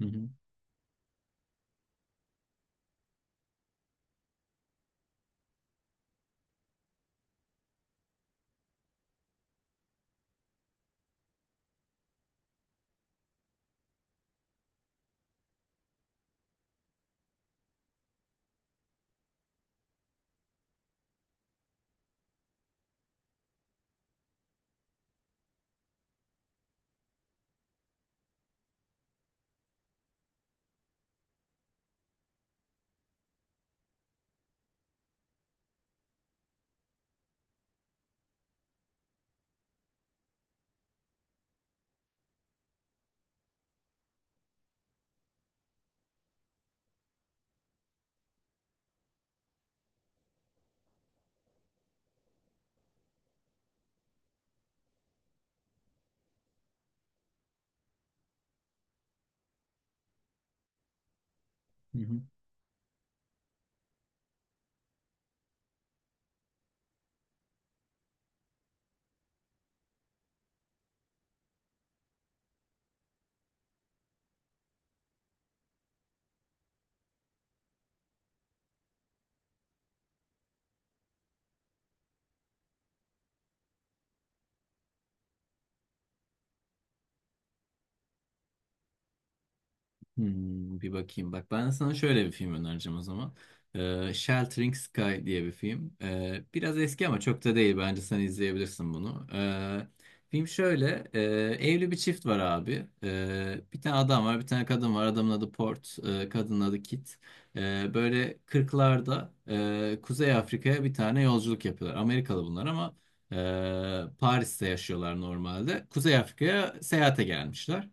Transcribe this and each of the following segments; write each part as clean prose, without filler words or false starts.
Hı hı, hı hı. Hmm, bir bakayım. Bak ben sana şöyle bir film önereceğim o zaman. Sheltering Sky diye bir film. Biraz eski ama çok da değil. Bence sen izleyebilirsin bunu. Film şöyle. Evli bir çift var abi. Bir tane adam var, bir tane kadın var. Adamın adı Port, kadının adı Kit. Böyle 40'larda Kuzey Afrika'ya bir tane yolculuk yapıyorlar. Amerikalı bunlar ama Paris'te yaşıyorlar normalde. Kuzey Afrika'ya seyahate gelmişler.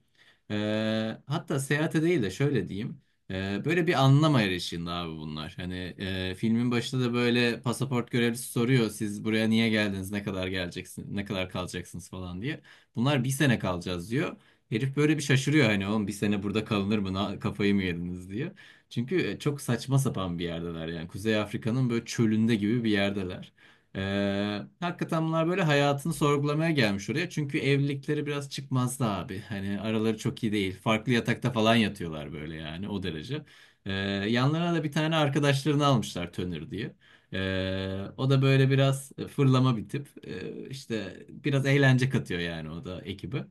Hatta seyahate değil de şöyle diyeyim. Böyle bir anlam arayışında abi bunlar. Hani filmin başında da böyle pasaport görevlisi soruyor. Siz buraya niye geldiniz? Ne kadar geleceksiniz? Ne kadar kalacaksınız falan diye. Bunlar bir sene kalacağız diyor. Herif böyle bir şaşırıyor hani oğlum bir sene burada kalınır mı? Kafayı mı yediniz diye. Çünkü çok saçma sapan bir yerdeler yani. Kuzey Afrika'nın böyle çölünde gibi bir yerdeler. Hakikaten bunlar böyle hayatını sorgulamaya gelmiş oraya. Çünkü evlilikleri biraz çıkmazdı abi. Hani araları çok iyi değil. Farklı yatakta falan yatıyorlar böyle yani o derece. Yanlarına da bir tane arkadaşlarını almışlar Tönür diye. O da böyle biraz fırlama bir tip. İşte biraz eğlence katıyor yani o da ekibi.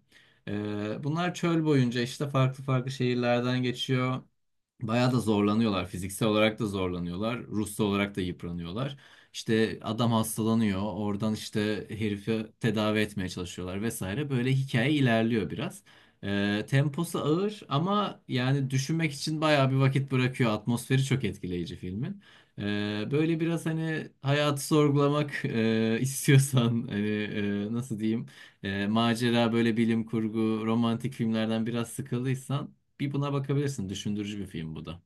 Bunlar çöl boyunca işte farklı farklı şehirlerden geçiyor. Bayağı da zorlanıyorlar. Fiziksel olarak da zorlanıyorlar. Ruhsal olarak da yıpranıyorlar. İşte adam hastalanıyor. Oradan işte herifi tedavi etmeye çalışıyorlar vesaire. Böyle hikaye ilerliyor biraz. Temposu ağır ama yani düşünmek için bayağı bir vakit bırakıyor. Atmosferi çok etkileyici filmin. Böyle biraz hani hayatı sorgulamak istiyorsan hani nasıl diyeyim macera böyle bilim kurgu romantik filmlerden biraz sıkıldıysan bir buna bakabilirsin. Düşündürücü bir film bu da.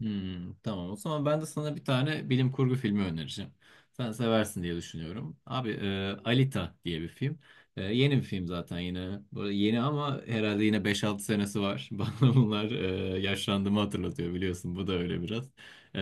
Hmm, tamam o zaman ben de sana bir tane bilim kurgu filmi önereceğim. Sen seversin diye düşünüyorum. Abi Alita diye bir film. Yeni bir film zaten yine. Böyle yeni ama herhalde yine beş altı senesi var. Bana bunlar yaşlandığımı hatırlatıyor biliyorsun. Bu da öyle biraz.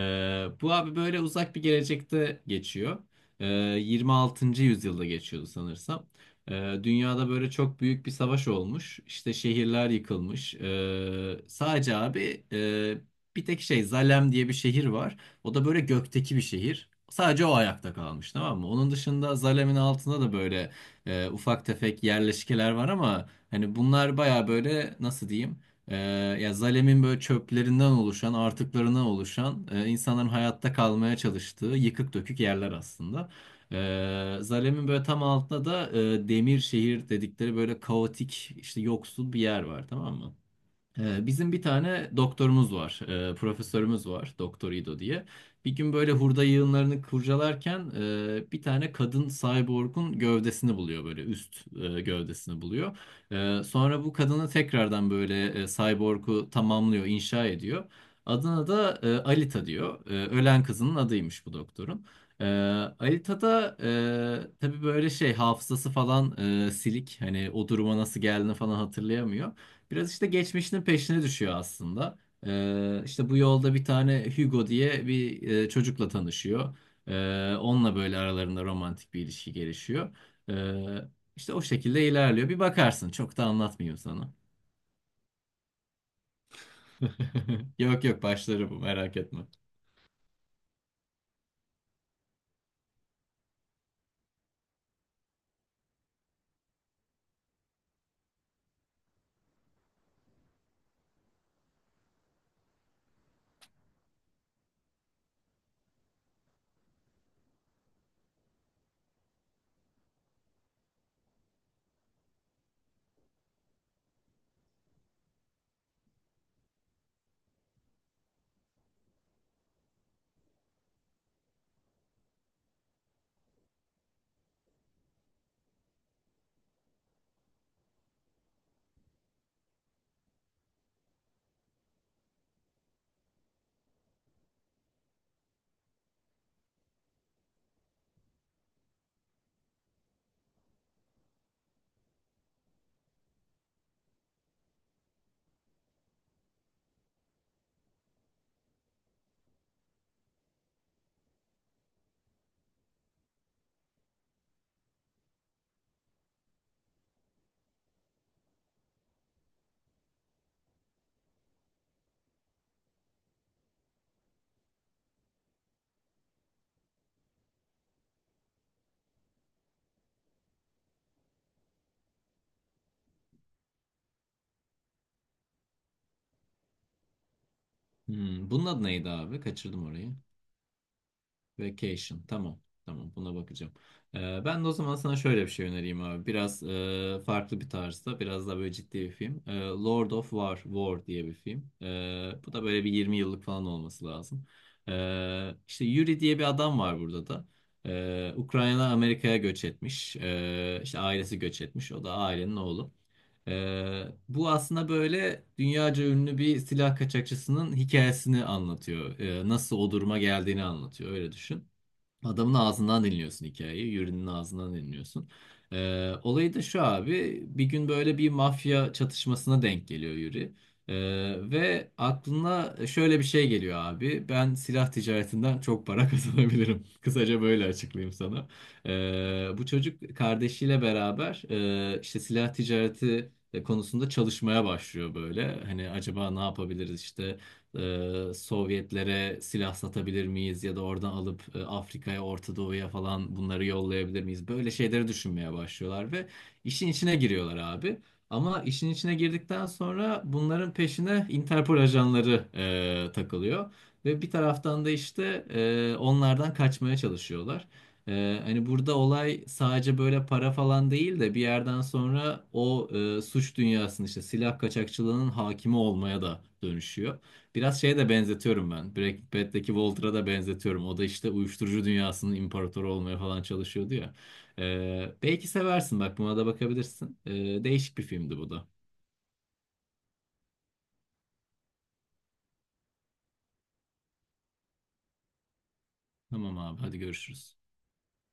Bu abi böyle uzak bir gelecekte geçiyor. E, 26. yüzyılda geçiyordu sanırsam. E, Dünyada böyle çok büyük bir savaş olmuş. İşte şehirler yıkılmış. Sadece abi bir tek şey Zalem diye bir şehir var. O da böyle gökteki bir şehir. Sadece o ayakta kalmış, tamam mı? Onun dışında Zalem'in altında da böyle ufak tefek yerleşkeler var ama hani bunlar baya böyle nasıl diyeyim? E, Ya Zalem'in böyle çöplerinden oluşan, artıklarından oluşan insanların hayatta kalmaya çalıştığı yıkık dökük yerler aslında. Zalem'in böyle tam altında da Demir şehir dedikleri böyle kaotik işte yoksul bir yer var, tamam mı? Bizim bir tane doktorumuz var, profesörümüz var, Doktor İdo diye. Bir gün böyle hurda yığınlarını kurcalarken bir tane kadın cyborg'un gövdesini buluyor, böyle üst gövdesini buluyor. Sonra bu kadını tekrardan böyle cyborg'u tamamlıyor, inşa ediyor. Adına da Alita diyor. Ölen kızının adıymış bu doktorun. E, Alita da tabii böyle şey hafızası falan silik, hani o duruma nasıl geldiğini falan hatırlayamıyor. Biraz işte geçmişinin peşine düşüyor aslında. İşte bu yolda bir tane Hugo diye bir çocukla tanışıyor. Onunla böyle aralarında romantik bir ilişki gelişiyor. Ee, işte o şekilde ilerliyor. Bir bakarsın. Çok da anlatmayayım sana. Yok yok, başları bu, merak etme. Hmm, bunun adı neydi abi? Kaçırdım orayı. Vacation. Tamam. Tamam. Buna bakacağım. Ben de o zaman sana şöyle bir şey önereyim abi. Biraz farklı bir tarzda. Biraz daha böyle ciddi bir film. Lord of War. War diye bir film. Bu da böyle bir 20 yıllık falan olması lazım. İşte Yuri diye bir adam var burada da. Ukrayna Amerika'ya göç etmiş. İşte ailesi göç etmiş. O da ailenin oğlu. Bu aslında böyle dünyaca ünlü bir silah kaçakçısının hikayesini anlatıyor. Nasıl o duruma geldiğini anlatıyor. Öyle düşün. Adamın ağzından dinliyorsun hikayeyi, Yuri'nin ağzından dinliyorsun. Olayı da şu abi, bir gün böyle bir mafya çatışmasına denk geliyor Yuri. Ee, Ve aklına şöyle bir şey geliyor abi, ben silah ticaretinden çok para kazanabilirim. Kısaca böyle açıklayayım sana. Bu çocuk kardeşiyle beraber işte silah ticareti konusunda çalışmaya başlıyor böyle. Hani acaba ne yapabiliriz işte Sovyetlere silah satabilir miyiz ya da oradan alıp Afrika'ya, Orta Doğu'ya falan bunları yollayabilir miyiz? Böyle şeyleri düşünmeye başlıyorlar ve işin içine giriyorlar abi. Ama işin içine girdikten sonra bunların peşine Interpol ajanları takılıyor. Ve bir taraftan da işte onlardan kaçmaya çalışıyorlar. Hani burada olay sadece böyle para falan değil de bir yerden sonra o suç dünyasının işte silah kaçakçılığının hakimi olmaya da dönüşüyor. Biraz şeye de benzetiyorum ben. Breaking Bad'deki Walter'a da benzetiyorum. O da işte uyuşturucu dünyasının imparatoru olmaya falan çalışıyordu ya. Belki seversin, bak buna da bakabilirsin. Değişik bir filmdi bu da. Tamam abi, hadi görüşürüz.